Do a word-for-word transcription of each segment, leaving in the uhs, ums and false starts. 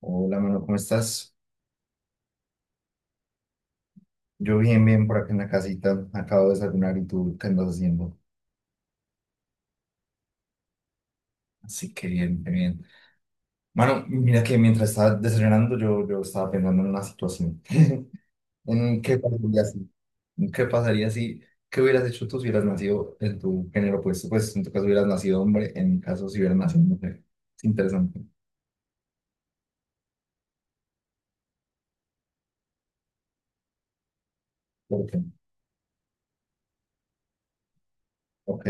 Hola, Manuel, ¿cómo estás? Yo bien, bien, por acá en la casita. Acabo de desayunar y tú, ¿qué andas haciendo? Así que bien, qué bien. Mano, mira que mientras estaba desayunando yo, yo estaba pensando en una situación. ¿En qué pasaría si? ¿En qué pasaría si? ¿Qué hubieras hecho tú si hubieras nacido en tu género opuesto? Pues en tu caso hubieras nacido hombre, en mi caso si hubieras nacido mujer. Es interesante. ¿Por qué? Ok.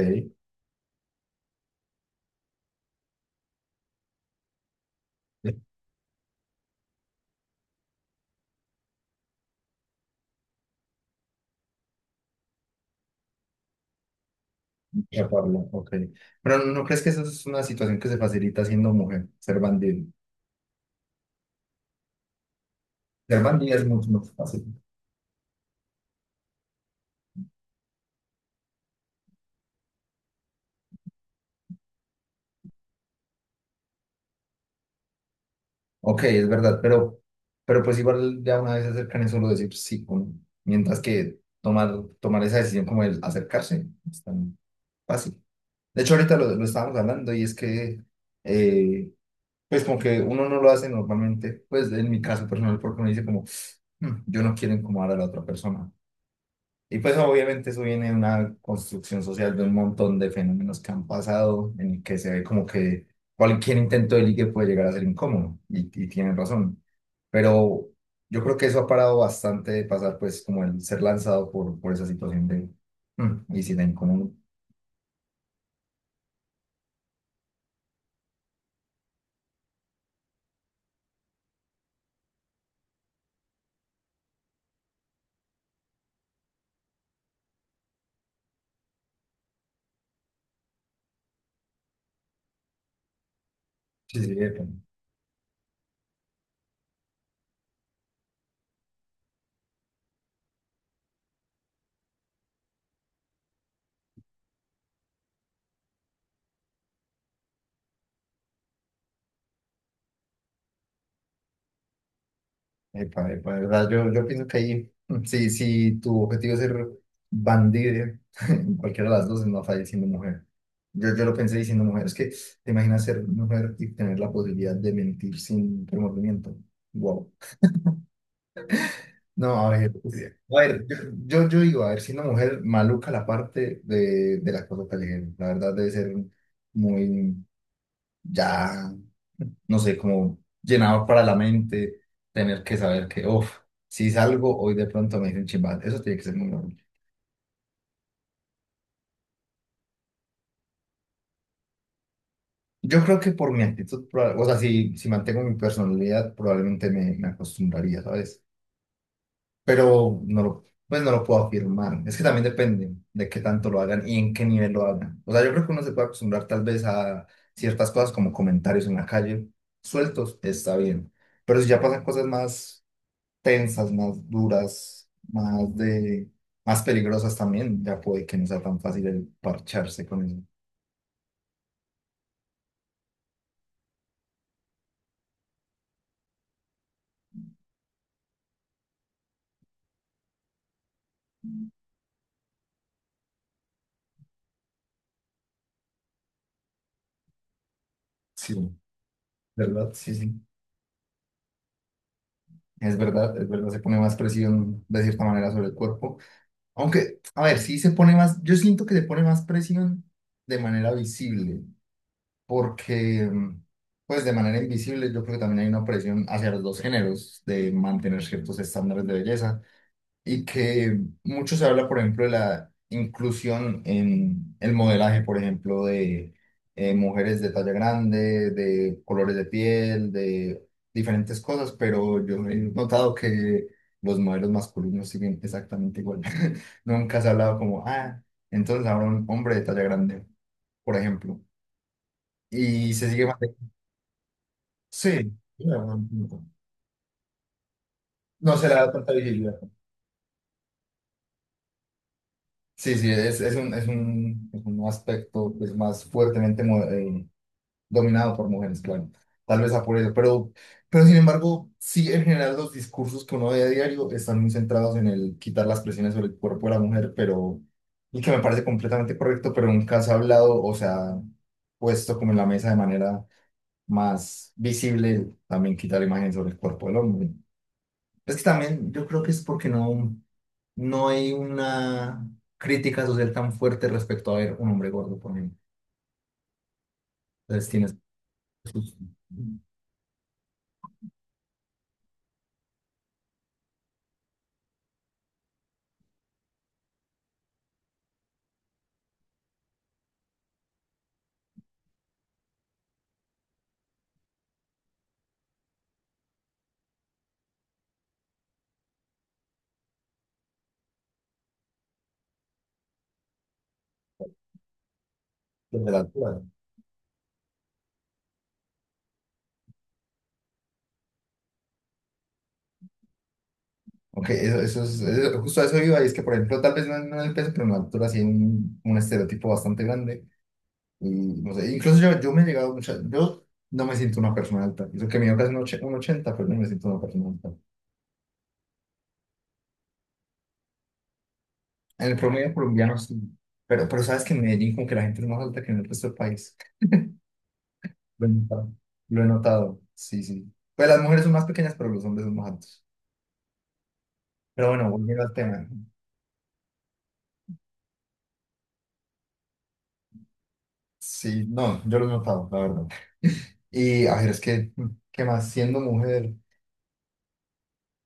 Ya, Pablo, ok. Pero ¿no crees que esa es una situación que se facilita siendo mujer, ser bandido? Garbandia es mucho más fácil. Ok, es verdad, pero, pero pues igual ya una vez se acercan es solo decir pues, sí, con- mientras que tomar, tomar esa decisión como el acercarse es tan fácil. De hecho, ahorita lo, lo estábamos hablando y es que, eh, pues como que uno no lo hace normalmente, pues en mi caso personal, porque uno dice como, "Mm, yo no quiero incomodar a la otra persona". Y pues obviamente eso viene de una construcción social de un montón de fenómenos que han pasado, en el que se ve como que cualquier intento de ligue puede llegar a ser incómodo, y, y tienen razón. Pero yo creo que eso ha parado bastante de pasar, pues como el ser lanzado por, por esa situación de... "Mm, ¿y si la incómodo? Sí, sí, epa". Epa, epa, de verdad, yo, yo pienso que ahí, sí, sí, tu objetivo es ser bandida, en cualquiera de las dos, no falla siendo mujer. Yo, yo lo pensé diciendo mujer, es que te imaginas ser mujer y tener la posibilidad de mentir sin remordimiento. Wow. No, a ver, sí. A ver, yo, yo, yo digo, a ver, siendo mujer, maluca la parte de, de las cosas callejeras. La verdad debe ser muy, ya, no sé, como llenador para la mente, tener que saber que, uff, si salgo hoy de pronto me dicen chimbal, eso tiene que ser muy normal. Yo creo que por mi actitud, proba- o sea, si, si mantengo mi personalidad, probablemente me, me acostumbraría, ¿sabes? Pero no lo, pues no lo puedo afirmar. Es que también depende de qué tanto lo hagan y en qué nivel lo hagan. O sea, yo creo que uno se puede acostumbrar tal vez a ciertas cosas como comentarios en la calle, sueltos, está bien. Pero si ya pasan cosas más tensas, más duras, más de, más peligrosas también, ya puede que no sea tan fácil el parcharse con eso. Sí, ¿verdad? Sí, sí. Es verdad, es verdad, se pone más presión de cierta manera sobre el cuerpo. Aunque, a ver, sí se pone más, yo siento que se pone más presión de manera visible, porque, pues de manera invisible, yo creo que también hay una presión hacia los dos géneros de mantener ciertos estándares de belleza y que mucho se habla, por ejemplo, de la inclusión en el modelaje, por ejemplo, de eh, mujeres de talla grande, de colores de piel, de diferentes cosas, pero yo he notado que los modelos masculinos siguen exactamente igual. Nunca se ha hablado como, ah, entonces ahora un hombre de talla grande, por ejemplo. Y se sigue manteniendo. Sí. No no se le da tanta visibilidad. Sí, sí, es, es un, es un, es un aspecto pues, más fuertemente mo- eh, dominado por mujeres, claro. Tal vez a por eso, pero, pero sin embargo, sí, en general los discursos que uno ve a diario están muy centrados en el quitar las presiones sobre el cuerpo de la mujer, pero, y que me parece completamente correcto, pero nunca se ha hablado, o sea, puesto como en la mesa de manera más visible, también quitar la imagen sobre el cuerpo del hombre. Es que también yo creo que es porque no, no hay una crítica social tan fuerte respecto a ver un hombre gordo, por ejemplo. Entonces tienes sus- desde la altura. Ok, eso, eso es, eso- justo a eso iba, y es que, por ejemplo, tal vez no, no en el peso, pero en la altura sí hay un, un estereotipo bastante grande. Y no sé, incluso yo, yo me he llegado mucho, yo no me siento una persona alta. Eso que mido casi un och- un ochenta pero no me siento una persona alta. En el promedio colombiano sí. Pero, pero sabes que en Medellín como que la gente es más alta que en el resto del país. Lo he notado. Lo he notado, sí, sí. Pues las mujeres son más pequeñas, pero los hombres son más altos. Pero bueno, volviendo al tema. Sí, no, yo lo he notado, la verdad. Y a ver, es que, ¿qué más? Siendo mujer,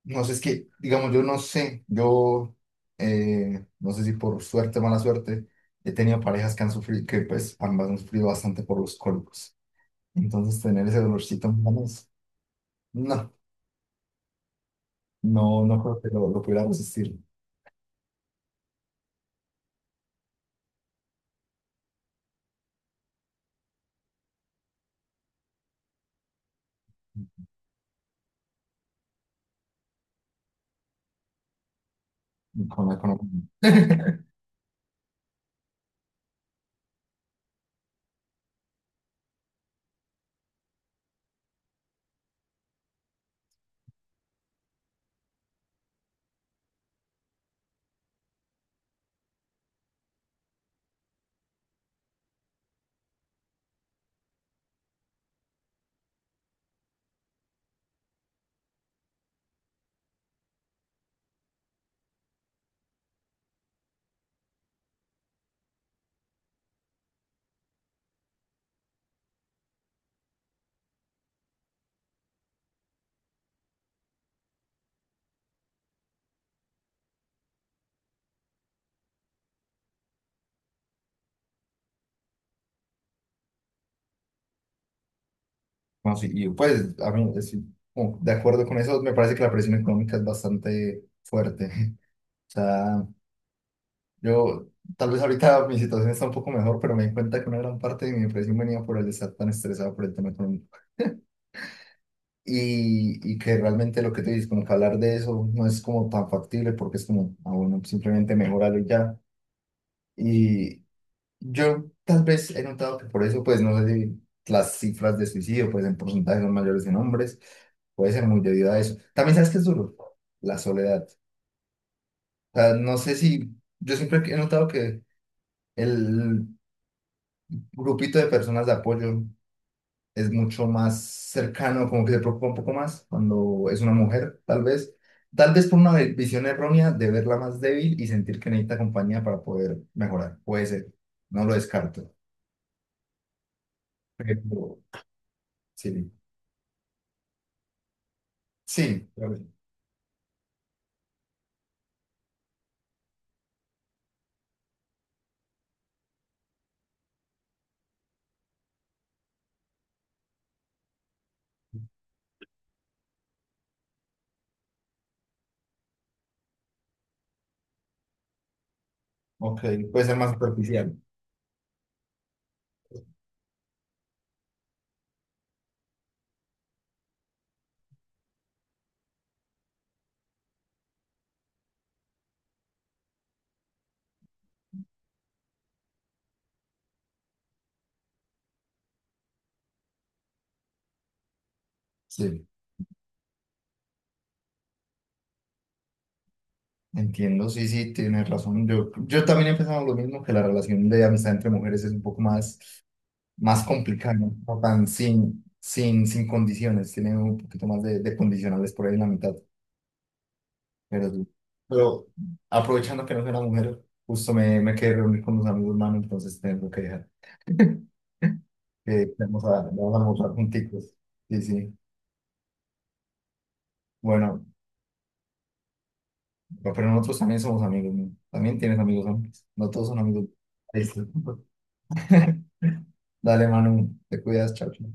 no sé, es que, digamos, yo no sé, yo, eh, no sé si por suerte o mala suerte, he tenido parejas que han sufrido, que pues ambas han sufrido bastante por los cólicos. Entonces, tener ese dolorcito en manos, no, no, no creo que lo, lo pudiera resistir con la economía. No, sí, y pues a mí, estoy como de acuerdo con eso, me parece que la presión económica es bastante fuerte. O sea, yo tal vez ahorita mi situación está un poco mejor, pero me di cuenta que una gran parte de mi depresión venía por el estar tan estresado por el tema económico. Y, y que realmente lo que te dices, como que hablar de eso no es como tan factible porque es como, ah, bueno, simplemente mejorarlo y ya. Y, yo tal vez he notado que por eso, pues no sé si las cifras de suicidio, pues en porcentaje son mayores en hombres, puede ser muy debido a eso. También sabes que es duro, la soledad. O sea, no sé si, yo siempre he notado que el grupito de personas de apoyo es mucho más cercano, como que se preocupa un poco más cuando es una mujer, tal vez. Tal vez por una ve- visión errónea de verla más débil y sentir que necesita compañía para poder mejorar. Puede ser, no lo descarto. Pero, sí. Sí, está bien. Ok, puede ser más superficial. Sí, entiendo, sí, sí, tienes razón. Yo, yo también he pensado lo mismo, que la relación de amistad entre mujeres es un poco más, más complicada, ¿no? No tan sin, sin, sin condiciones, tiene un poquito más de, de condicionales por ahí en la mitad. Pero, sí. Pero aprovechando que no soy una mujer, justo me, me quedé reunir con unos amigos, hermano, entonces tengo que dejar. Que vamos a, vamos a almorzar juntitos. Sí, sí. Bueno, no, pero nosotros también somos amigos, ¿no? También tienes amigos hombres. No todos son amigos. Listo. Dale, Manu, te cuidas, chao. Chao.